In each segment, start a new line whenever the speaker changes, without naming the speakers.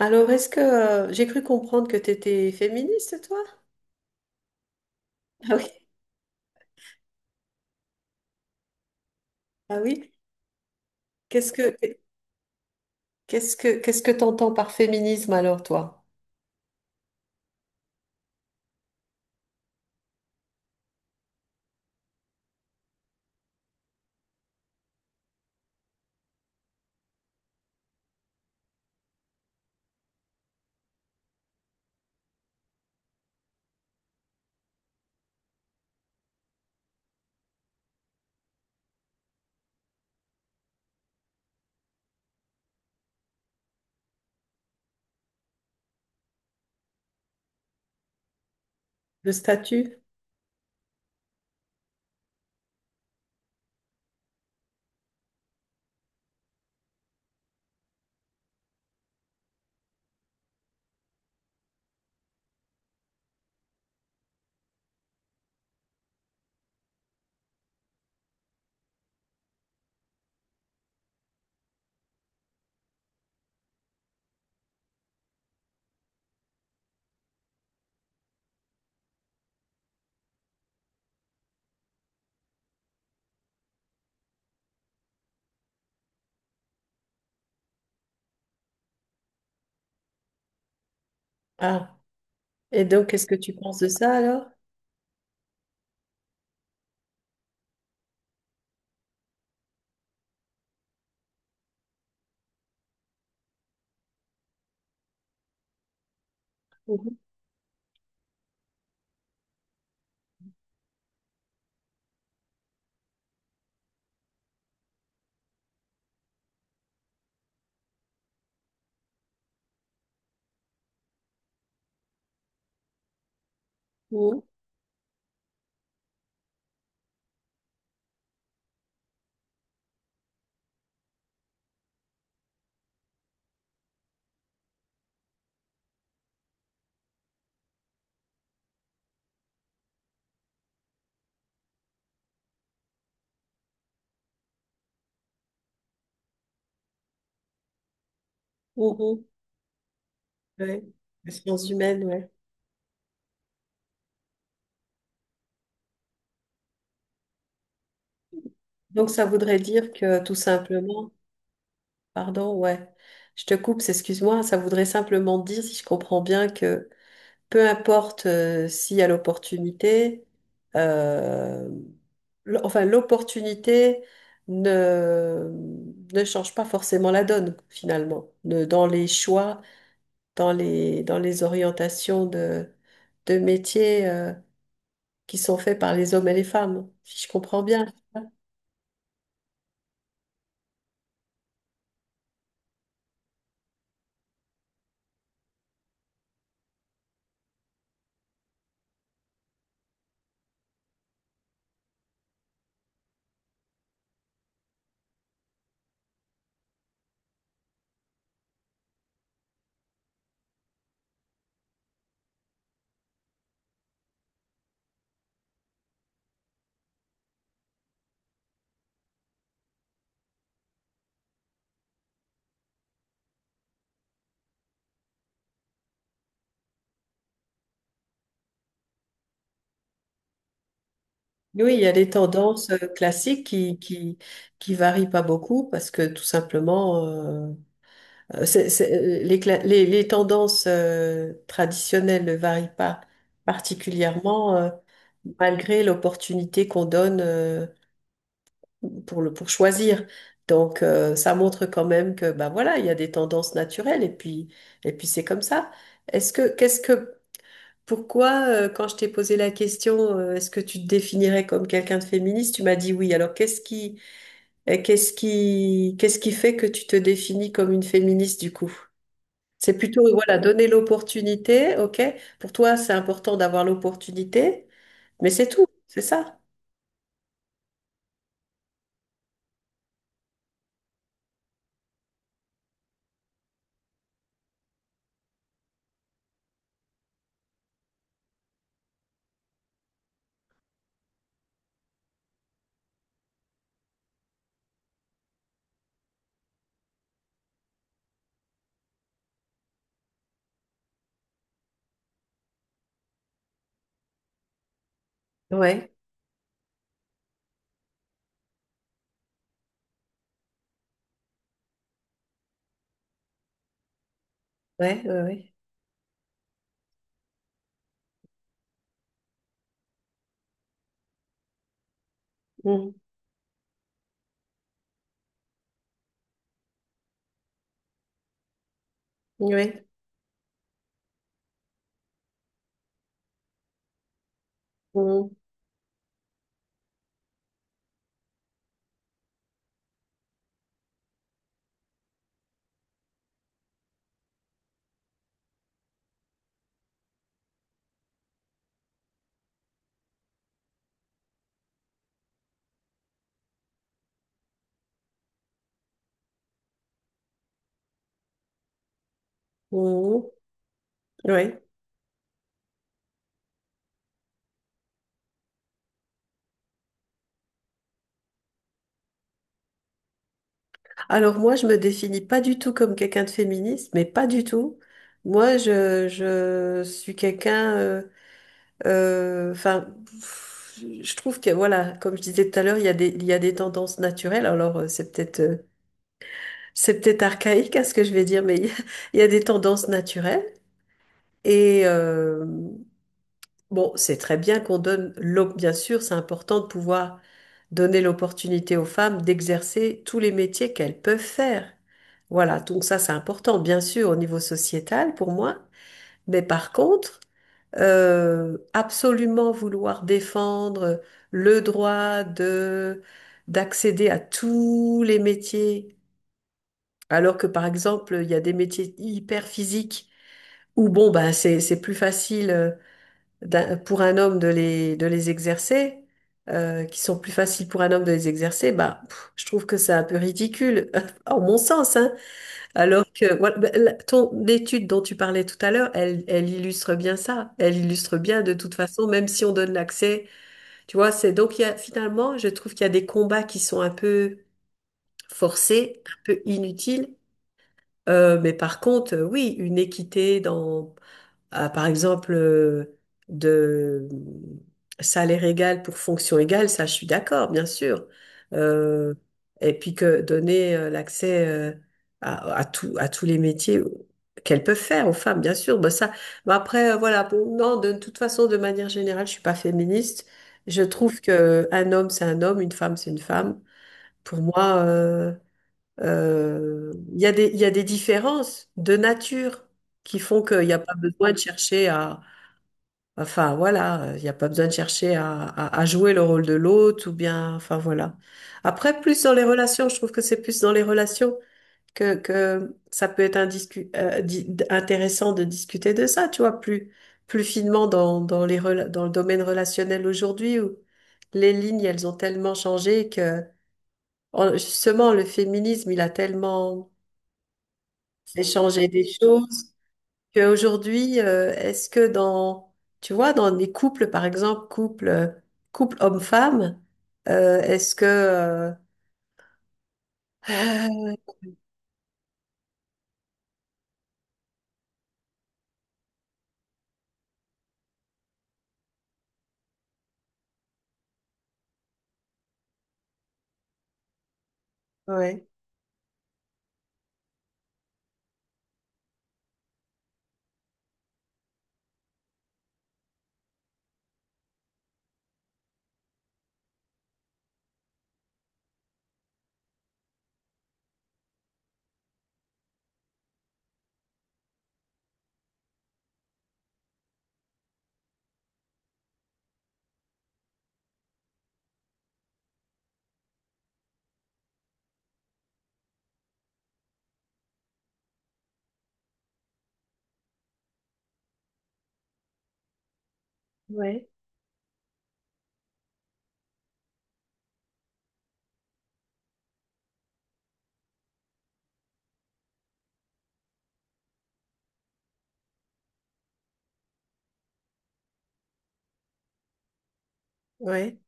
Alors, est-ce que j'ai cru comprendre que tu étais féministe, toi? Ah oui. Ah oui. Qu'est-ce que qu'est-ce que t'entends par féminisme alors, toi? Le statut? Ah. Et donc, qu'est-ce que tu penses de ça alors? Mhm. Mhm. Mhm. Ouais. Les sciences humaines, ouais. Donc, ça voudrait dire que tout simplement, pardon, ouais. Je te coupe, c'est- excuse-moi, ça voudrait simplement dire, si je comprends bien, que peu importe s'il y a l'opportunité, euh, enfin l'opportunité ne, ne change pas forcément la donne finalement, dans les choix, dans les orientations de métiers qui sont faits par les hommes et les femmes, si je comprends bien. Oui, il y a des tendances classiques qui varient pas beaucoup parce que tout simplement les, les tendances traditionnelles ne varient pas particulièrement malgré l'opportunité qu'on donne pour le, pour choisir. Donc ça montre quand même que bah voilà, il y a des tendances naturelles et puis c'est comme ça. Est-ce que qu'est-ce que pourquoi quand je t'ai posé la question est-ce que tu te définirais comme quelqu'un de féministe, tu m'as dit oui. Alors qu'est-ce qui fait que tu te définis comme une féministe du coup? C'est plutôt, voilà, donner l'opportunité, ok? Pour toi, c'est important d'avoir l'opportunité, mais c'est tout, c'est ça? Ouais, ouais, ouais, ouais. Mm, ouais, mm, mm, ouais. Alors moi, je me définis pas du tout comme quelqu'un de féministe, mais pas du tout. Moi, je suis quelqu'un, enfin, pff, je trouve que, voilà, comme je disais tout à l'heure, il y a des tendances naturelles. Alors, c'est peut-être archaïque à ce que je vais dire, mais il y a des tendances naturelles. Et bon, c'est très bien qu'on donne, bien sûr, c'est important de pouvoir donner l'opportunité aux femmes d'exercer tous les métiers qu'elles peuvent faire. Voilà, donc ça c'est important, bien sûr, au niveau sociétal pour moi. Mais par contre, absolument vouloir défendre le droit de d'accéder à tous les métiers, alors que par exemple, il y a des métiers hyper physiques où bon, ben c'est plus facile. Pour un homme de de les exercer, qui sont plus faciles pour un homme de les exercer, bah, pff, je trouve que c'est un peu ridicule, en mon sens, hein. Alors que voilà, bah, ton étude dont tu parlais tout à l'heure, elle illustre bien ça. Elle illustre bien de toute façon, même si on donne l'accès, tu vois, c'est donc il y a, finalement, je trouve qu'il y a des combats qui sont un peu forcés, un peu inutiles. Mais par contre, oui, une équité dans à, par exemple, de salaire égal pour fonction égale, ça, je suis d'accord, bien sûr. Euh, et puis que donner l'accès à tout, à tous les métiers qu'elles peuvent faire aux femmes, bien sûr. Bah, ça, bah, après, voilà, bon, non, de toute façon, de manière générale, je suis pas féministe. Je trouve que un homme, c'est un homme, une femme, c'est une femme. Pour moi, Il y a des, il y a des différences de nature qui font qu'il n'y a pas besoin de chercher à, enfin voilà, il n'y a pas besoin de chercher à jouer le rôle de l'autre ou bien, enfin voilà. Après, plus dans les relations, je trouve que c'est plus dans les relations que ça peut être intéressant de discuter de ça, tu vois, plus, plus finement dans, dans le domaine relationnel aujourd'hui où les lignes, elles ont tellement changé que justement le féminisme, il a tellement c'est changer des choses. Qu'aujourd'hui, est-ce que dans, tu vois, dans des couples, par exemple, couple, couple homme-femme, euh, est-ce que, euh, ouais, ouais, ouais,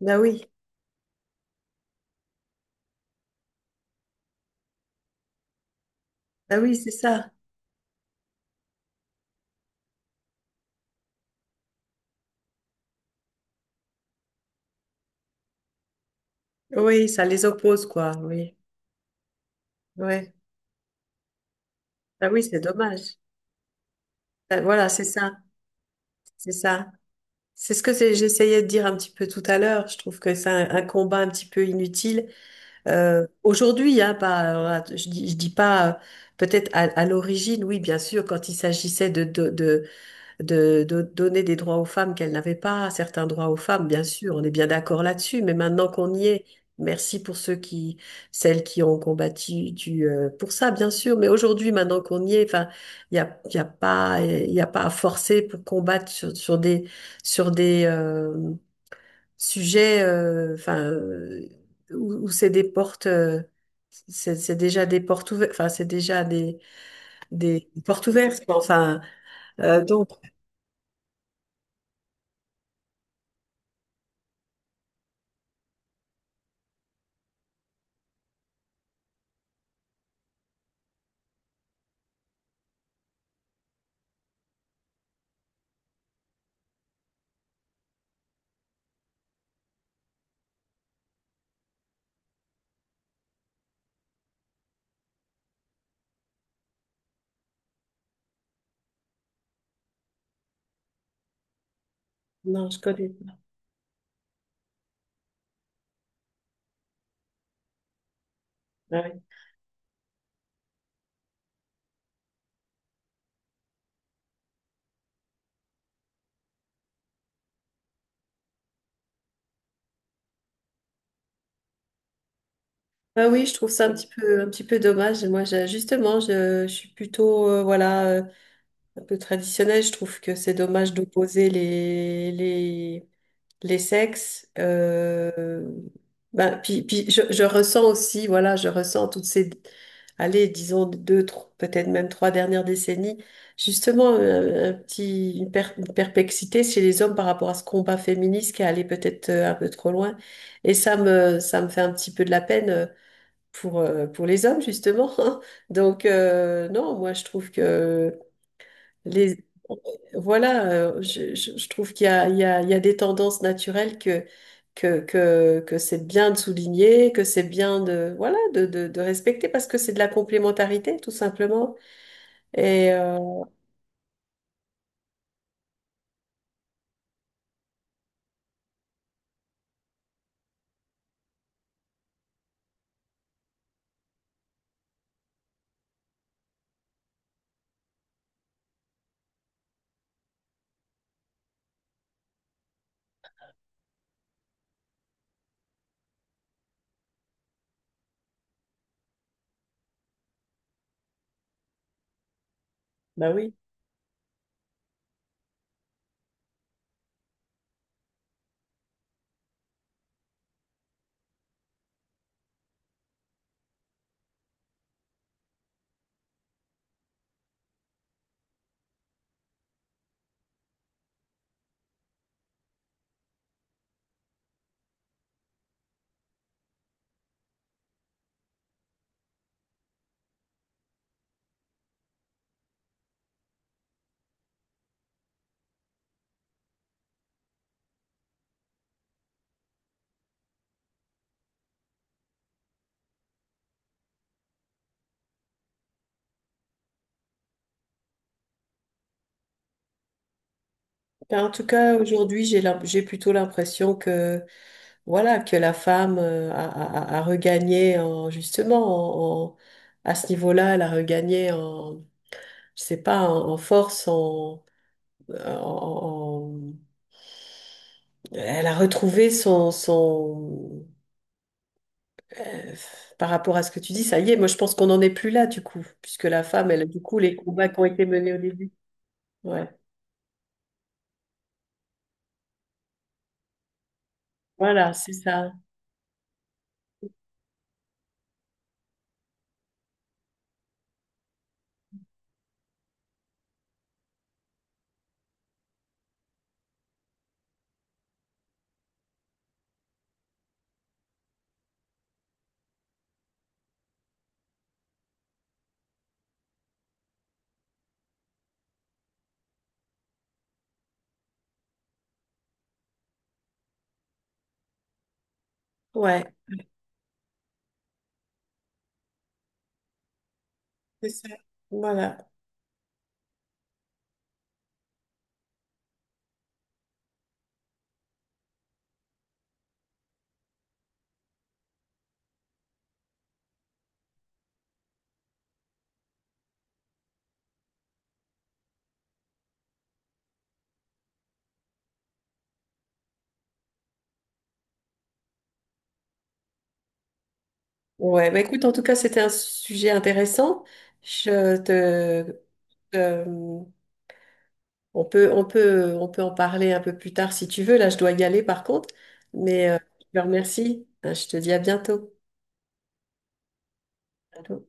bah oui, bah oui, c'est ça. Oui, ça les oppose, quoi, oui, ouais. Bah oui, c'est dommage. Bah voilà, c'est ça, c'est ça. C'est ce que c'est- J'essayais de dire un petit peu tout à l'heure. Je trouve que c'est un combat un petit peu inutile aujourd'hui, hein, pas, je dis pas, peut-être à l'origine, oui, bien sûr, quand il s'agissait de donner des droits aux femmes qu'elles n'avaient pas, certains droits aux femmes, bien sûr, on est bien d'accord là-dessus, mais maintenant qu'on y est, merci pour ceux qui, celles qui ont combattu du, pour ça, bien sûr, mais aujourd'hui, maintenant qu'on y est, enfin, il y a pas, il y a pas à forcer pour combattre sur des, sujet, enfin, où c'est des portes, c'est déjà des portes ouvertes, enfin, c'est déjà des portes ouvertes, quoi. Enfin, donc, non, je connais pas. Ah oui, Ah oui, je trouve ça un petit peu dommage. Moi, justement, je suis plutôt, voilà, un peu traditionnel. Je trouve que c'est dommage d'opposer les sexes. Ben, puis puis je ressens aussi, voilà, je ressens toutes ces, allez, disons peut-être même trois dernières décennies, justement un petit, une perplexité chez les hommes par rapport à ce combat féministe qui est allé peut-être un peu trop loin. Et ça me fait un petit peu de la peine. Pour les hommes, justement. Donc, non, moi, je trouve que les... Voilà, je trouve qu'il y a, il y a, il y a des tendances naturelles que, que c'est bien de souligner, que c'est bien de, voilà, de respecter parce que c'est de la complémentarité, tout simplement. Et bah oui. Ben, en tout cas, aujourd'hui, j'ai plutôt l'impression que, voilà, que la femme a, a, a a regagné en, justement, à ce niveau-là, elle a regagné en, je sais pas, en, en force, en- en- Elle a retrouvé son, son... euh, par rapport à ce que tu dis, ça y est, moi je pense qu'on n'en est plus là du coup, puisque la femme, elle, du coup, les combats qui ont été menés au début. Ouais, voilà, c'est ça. Ouais, c'est ça. Voilà. Ouais, bah écoute, en tout cas, c'était un sujet intéressant. Je te... euh, on peut en parler un peu plus tard si tu veux. Là, je dois y aller par contre, mais je te remercie. Hein, Je te dis à bientôt. À bientôt.